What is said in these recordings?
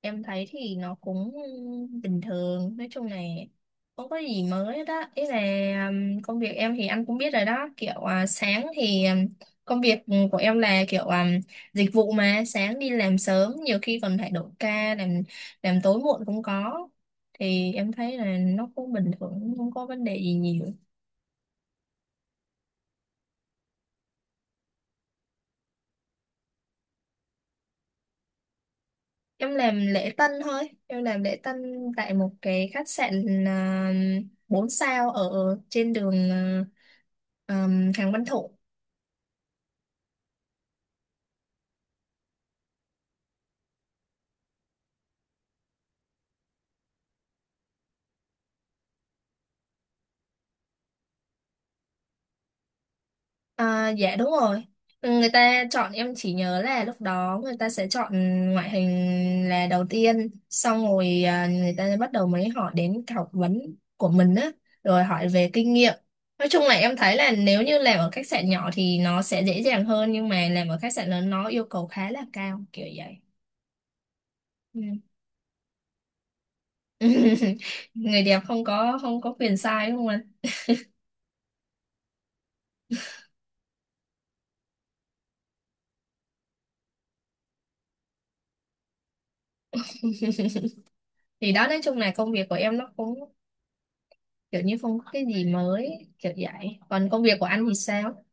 Em thấy thì nó cũng bình thường, nói chung là không có gì mới hết á. Ý là công việc em thì anh cũng biết rồi đó, kiểu sáng thì công việc của em là kiểu dịch vụ mà sáng đi làm sớm, nhiều khi còn phải đổi ca làm tối muộn cũng có. Thì em thấy là nó cũng bình thường, không có vấn đề gì nhiều. Em làm lễ tân thôi, em làm lễ tân tại một cái khách sạn 4 sao ở trên đường Hàng Văn Thụ. À, dạ đúng rồi. Ừ, người ta chọn em, chỉ nhớ là lúc đó người ta sẽ chọn ngoại hình là đầu tiên, xong rồi người ta bắt đầu mới hỏi đến cái học vấn của mình á, rồi hỏi về kinh nghiệm. Nói chung là em thấy là nếu như làm ở khách sạn nhỏ thì nó sẽ dễ dàng hơn, nhưng mà làm ở khách sạn lớn nó yêu cầu khá là cao, kiểu vậy. Ừ. Người đẹp không có quyền sai đúng không anh? Thì đó, nói chung là công việc của em nó cũng kiểu như không có cái gì mới, kiểu vậy. Còn công việc của anh thì sao?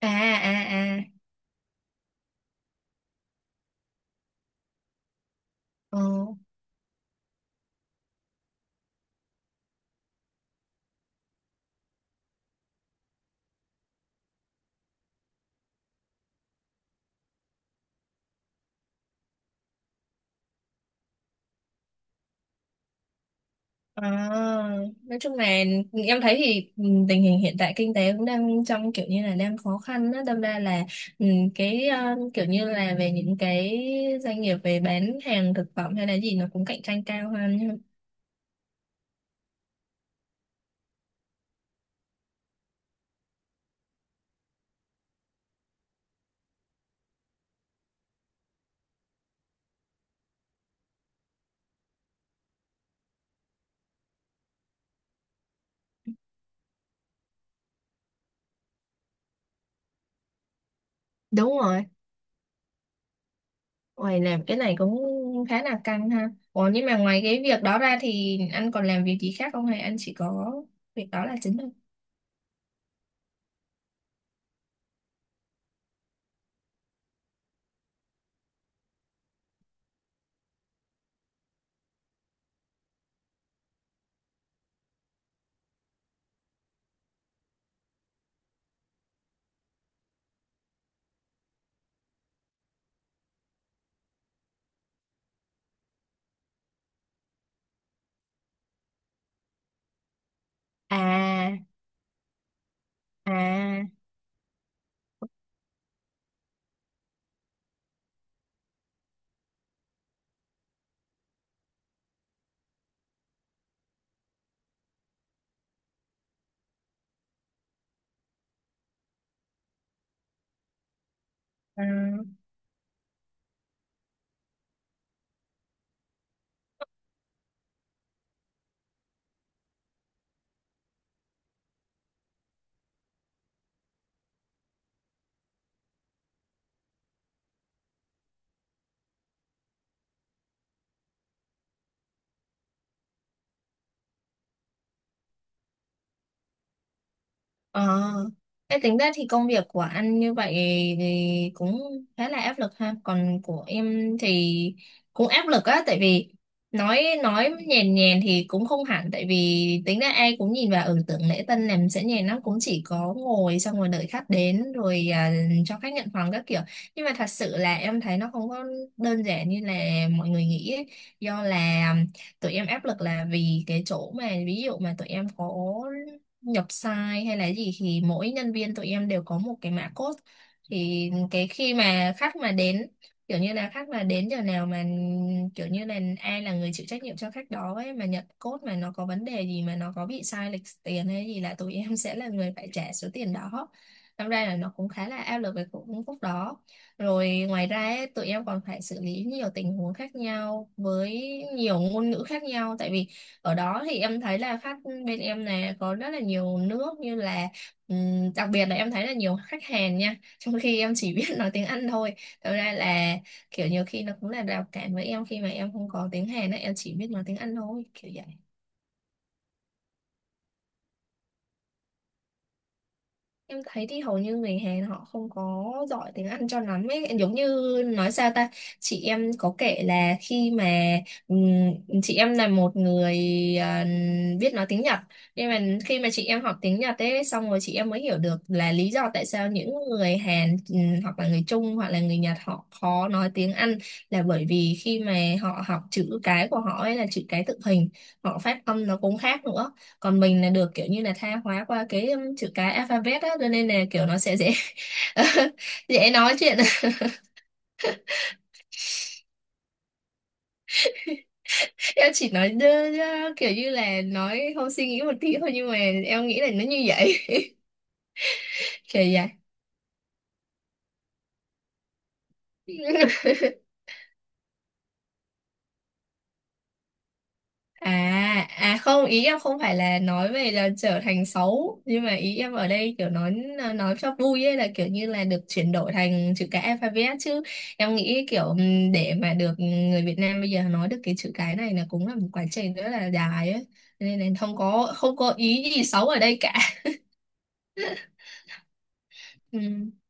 à à à ờ à, nói chung là em thấy thì tình hình hiện tại kinh tế cũng đang trong kiểu như là đang khó khăn đó, đâm ra là ừ, kiểu như là về những cái doanh nghiệp về bán hàng thực phẩm hay là gì nó cũng cạnh tranh cao hơn. Đúng rồi. Ôi, làm cái này cũng khá là căng ha. Ủa, nhưng mà ngoài cái việc đó ra thì anh còn làm việc gì khác không, hay anh chỉ có việc đó là chính thôi? À, à. À. Ờ, thế tính ra thì công việc của anh như vậy thì cũng khá là áp lực ha. Còn của em thì cũng áp lực á, tại vì nói nhèn nhèn thì cũng không hẳn, tại vì tính ra ai cũng nhìn vào tưởng lễ tân làm sẽ nhèn lắm, cũng chỉ có ngồi xong rồi đợi khách đến rồi, cho khách nhận phòng các kiểu. Nhưng mà thật sự là em thấy nó không có đơn giản như là mọi người nghĩ ấy. Do là tụi em áp lực là vì cái chỗ mà ví dụ mà tụi em có nhập sai hay là gì thì mỗi nhân viên tụi em đều có một cái mã code, thì cái khi mà khách mà đến, kiểu như là khách mà đến giờ nào mà kiểu như là ai là người chịu trách nhiệm cho khách đó ấy, mà nhận code mà nó có vấn đề gì, mà nó có bị sai lệch tiền hay gì là tụi em sẽ là người phải trả số tiền đó. Năm ra là nó cũng khá là áp lực về cũng khúc đó. Rồi ngoài ra ấy, tụi em còn phải xử lý nhiều tình huống khác nhau với nhiều ngôn ngữ khác nhau, tại vì ở đó thì em thấy là khách bên em này có rất là nhiều nước, như là đặc biệt là em thấy là nhiều khách Hàn nha, trong khi em chỉ biết nói tiếng Anh thôi. Thật ra là kiểu nhiều khi nó cũng là rào cản với em, khi mà em không có tiếng Hàn á, em chỉ biết nói tiếng Anh thôi, kiểu vậy. Em thấy thì hầu như người Hàn họ không có giỏi tiếng Anh cho lắm ấy. Giống như nói sao ta, chị em có kể là khi mà ừm, chị em là một người à, biết nói tiếng Nhật, nhưng mà khi mà chị em học tiếng Nhật ấy, xong rồi chị em mới hiểu được là lý do tại sao những người Hàn hoặc là người Trung hoặc là người Nhật họ khó nói tiếng Anh, là bởi vì khi mà họ học chữ cái của họ ấy là chữ cái tượng hình, họ phát âm nó cũng khác nữa. Còn mình là được kiểu như là tha hóa qua cái chữ cái alphabet á, cho nên là kiểu nó sẽ dễ dễ nói chuyện. Em chỉ nói đơ, đơ, kiểu như là nói không suy nghĩ một tí thôi, nhưng mà em nghĩ là nó như vậy. Kiểu vậy. À không, ý em không phải là nói về là trở thành xấu, nhưng mà ý em ở đây kiểu nói cho vui ấy, là kiểu như là được chuyển đổi thành chữ cái alphabet chứ. Em nghĩ kiểu để mà được người Việt Nam bây giờ nói được cái chữ cái này là cũng là một quá trình rất là dài ấy. Nên là không có ý gì xấu ở đây cả.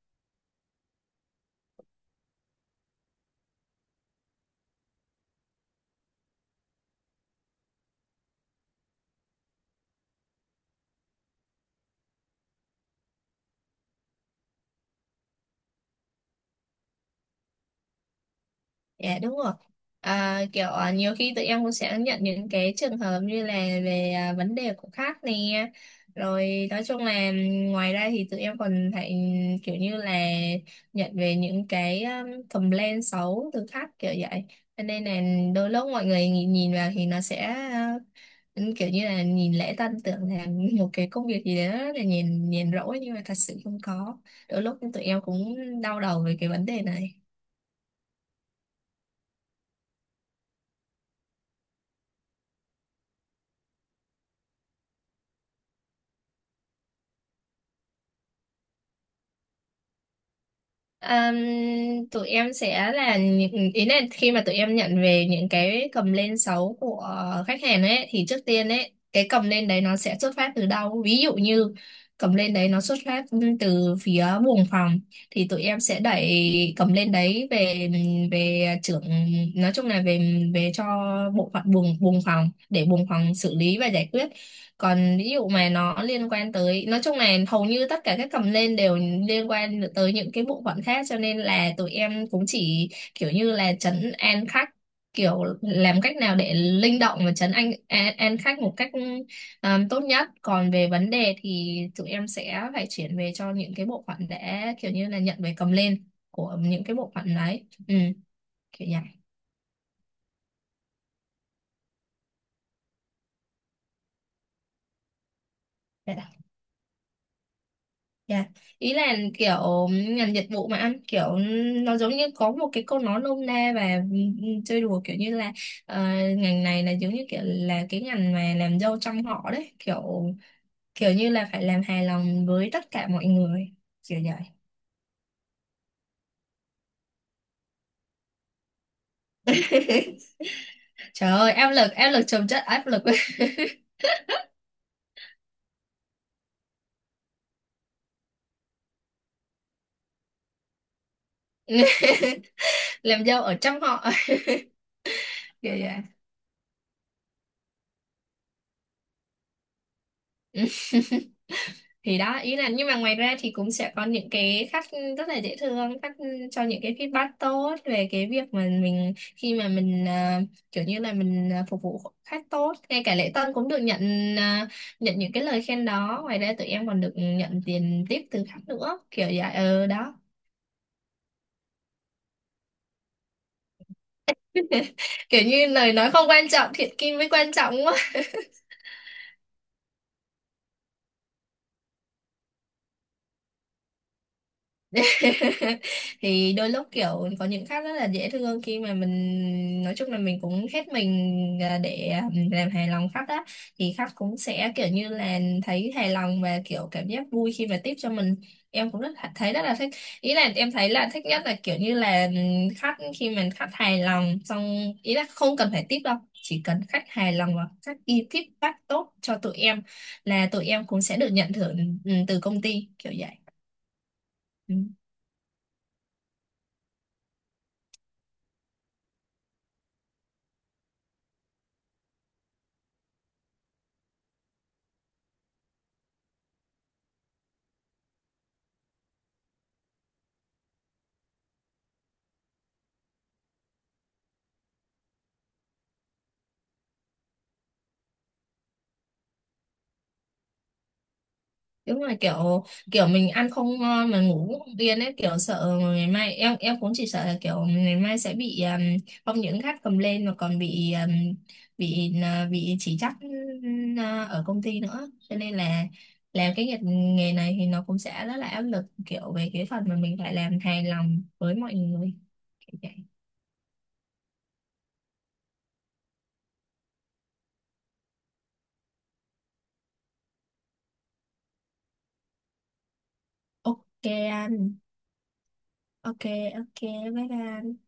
Dạ đúng rồi. À, kiểu nhiều khi tụi em cũng sẽ nhận những cái trường hợp như là về vấn đề của khách nè. Rồi nói chung là, ngoài ra thì tụi em còn phải kiểu như là nhận về những cái complaint xấu từ khách, kiểu vậy. Cho nên là đôi lúc mọi người nhìn vào thì nó sẽ ờ, kiểu như là nhìn lễ tân tưởng là một cái công việc gì đó là nhìn nhìn rỗi, nhưng mà thật sự không có. Đôi lúc tụi em cũng đau đầu về cái vấn đề này. Ừm, Tụi em sẽ là những, ý là khi mà tụi em nhận về những cái cầm lên sóng của khách hàng ấy, thì trước tiên ấy cái cầm lên đấy nó sẽ xuất phát từ đâu, ví dụ như cầm lên đấy nó xuất phát từ phía buồng phòng, thì tụi em sẽ đẩy cầm lên đấy về về trưởng, nói chung là về về cho bộ phận buồng buồng phòng, để buồng phòng xử lý và giải quyết. Còn ví dụ mà nó liên quan tới, nói chung là hầu như tất cả các cầm lên đều liên quan tới những cái bộ phận khác, cho nên là tụi em cũng chỉ kiểu như là trấn an khách, kiểu làm cách nào để linh động và trấn an khách một cách tốt nhất. Còn về vấn đề thì tụi em sẽ phải chuyển về cho những cái bộ phận, để kiểu như là nhận về cầm lên của những cái bộ phận đấy, kiểu vậy. Dạ. Ý là kiểu ngành dịch vụ mà anh, kiểu nó giống như có một cái câu nói nôm na và chơi đùa, kiểu như là ờ, ngành này là giống như kiểu là cái ngành mà làm dâu trăm họ đấy, kiểu kiểu như là phải làm hài lòng với tất cả mọi người, kiểu vậy. Trời ơi, áp lực chồng chất áp lực. Làm dâu ở trăm họ, kiểu vậy. Ừ. Thì đó, ý là nhưng mà ngoài ra thì cũng sẽ có những cái khách rất là dễ thương, khách cho những cái feedback tốt về cái việc mà mình, khi mà mình kiểu như là mình phục vụ khách tốt, ngay cả lễ tân cũng được nhận à, nhận những cái lời khen đó. Ngoài ra tụi em còn được nhận tiền tip từ khách nữa, kiểu vậy. Ờ Đó. Kiểu như lời nói không quan trọng, thiện kim mới quan trọng. Thì đôi lúc kiểu có những khách rất là dễ thương, khi mà mình nói chung là mình cũng hết mình để làm hài lòng khách á, thì khách cũng sẽ kiểu như là thấy hài lòng và kiểu cảm giác vui khi mà tiếp cho mình. Em cũng rất là- thấy rất là thích. Ý là em thấy là thích nhất là kiểu như là khách khi mà khách hài lòng xong, ý là không cần phải tiếp đâu, chỉ cần khách hài lòng và khách ghi feedback tốt cho tụi em là tụi em cũng sẽ được nhận thưởng từ công ty, kiểu vậy. Ừ. Đúng rồi, kiểu kiểu mình ăn không ngon mà ngủ cũng không yên ấy, kiểu sợ ngày mai, em cũng chỉ sợ là kiểu ngày mai sẽ bị không những gắt cầm lên, mà còn bị bị bị chỉ trích ở công ty nữa, cho nên là làm cái nghề nghề này thì nó cũng sẽ rất là áp lực, kiểu về cái phần mà mình phải làm hài lòng với mọi người, kiểu vậy. Ok anh. Ok, ok. Bye bye.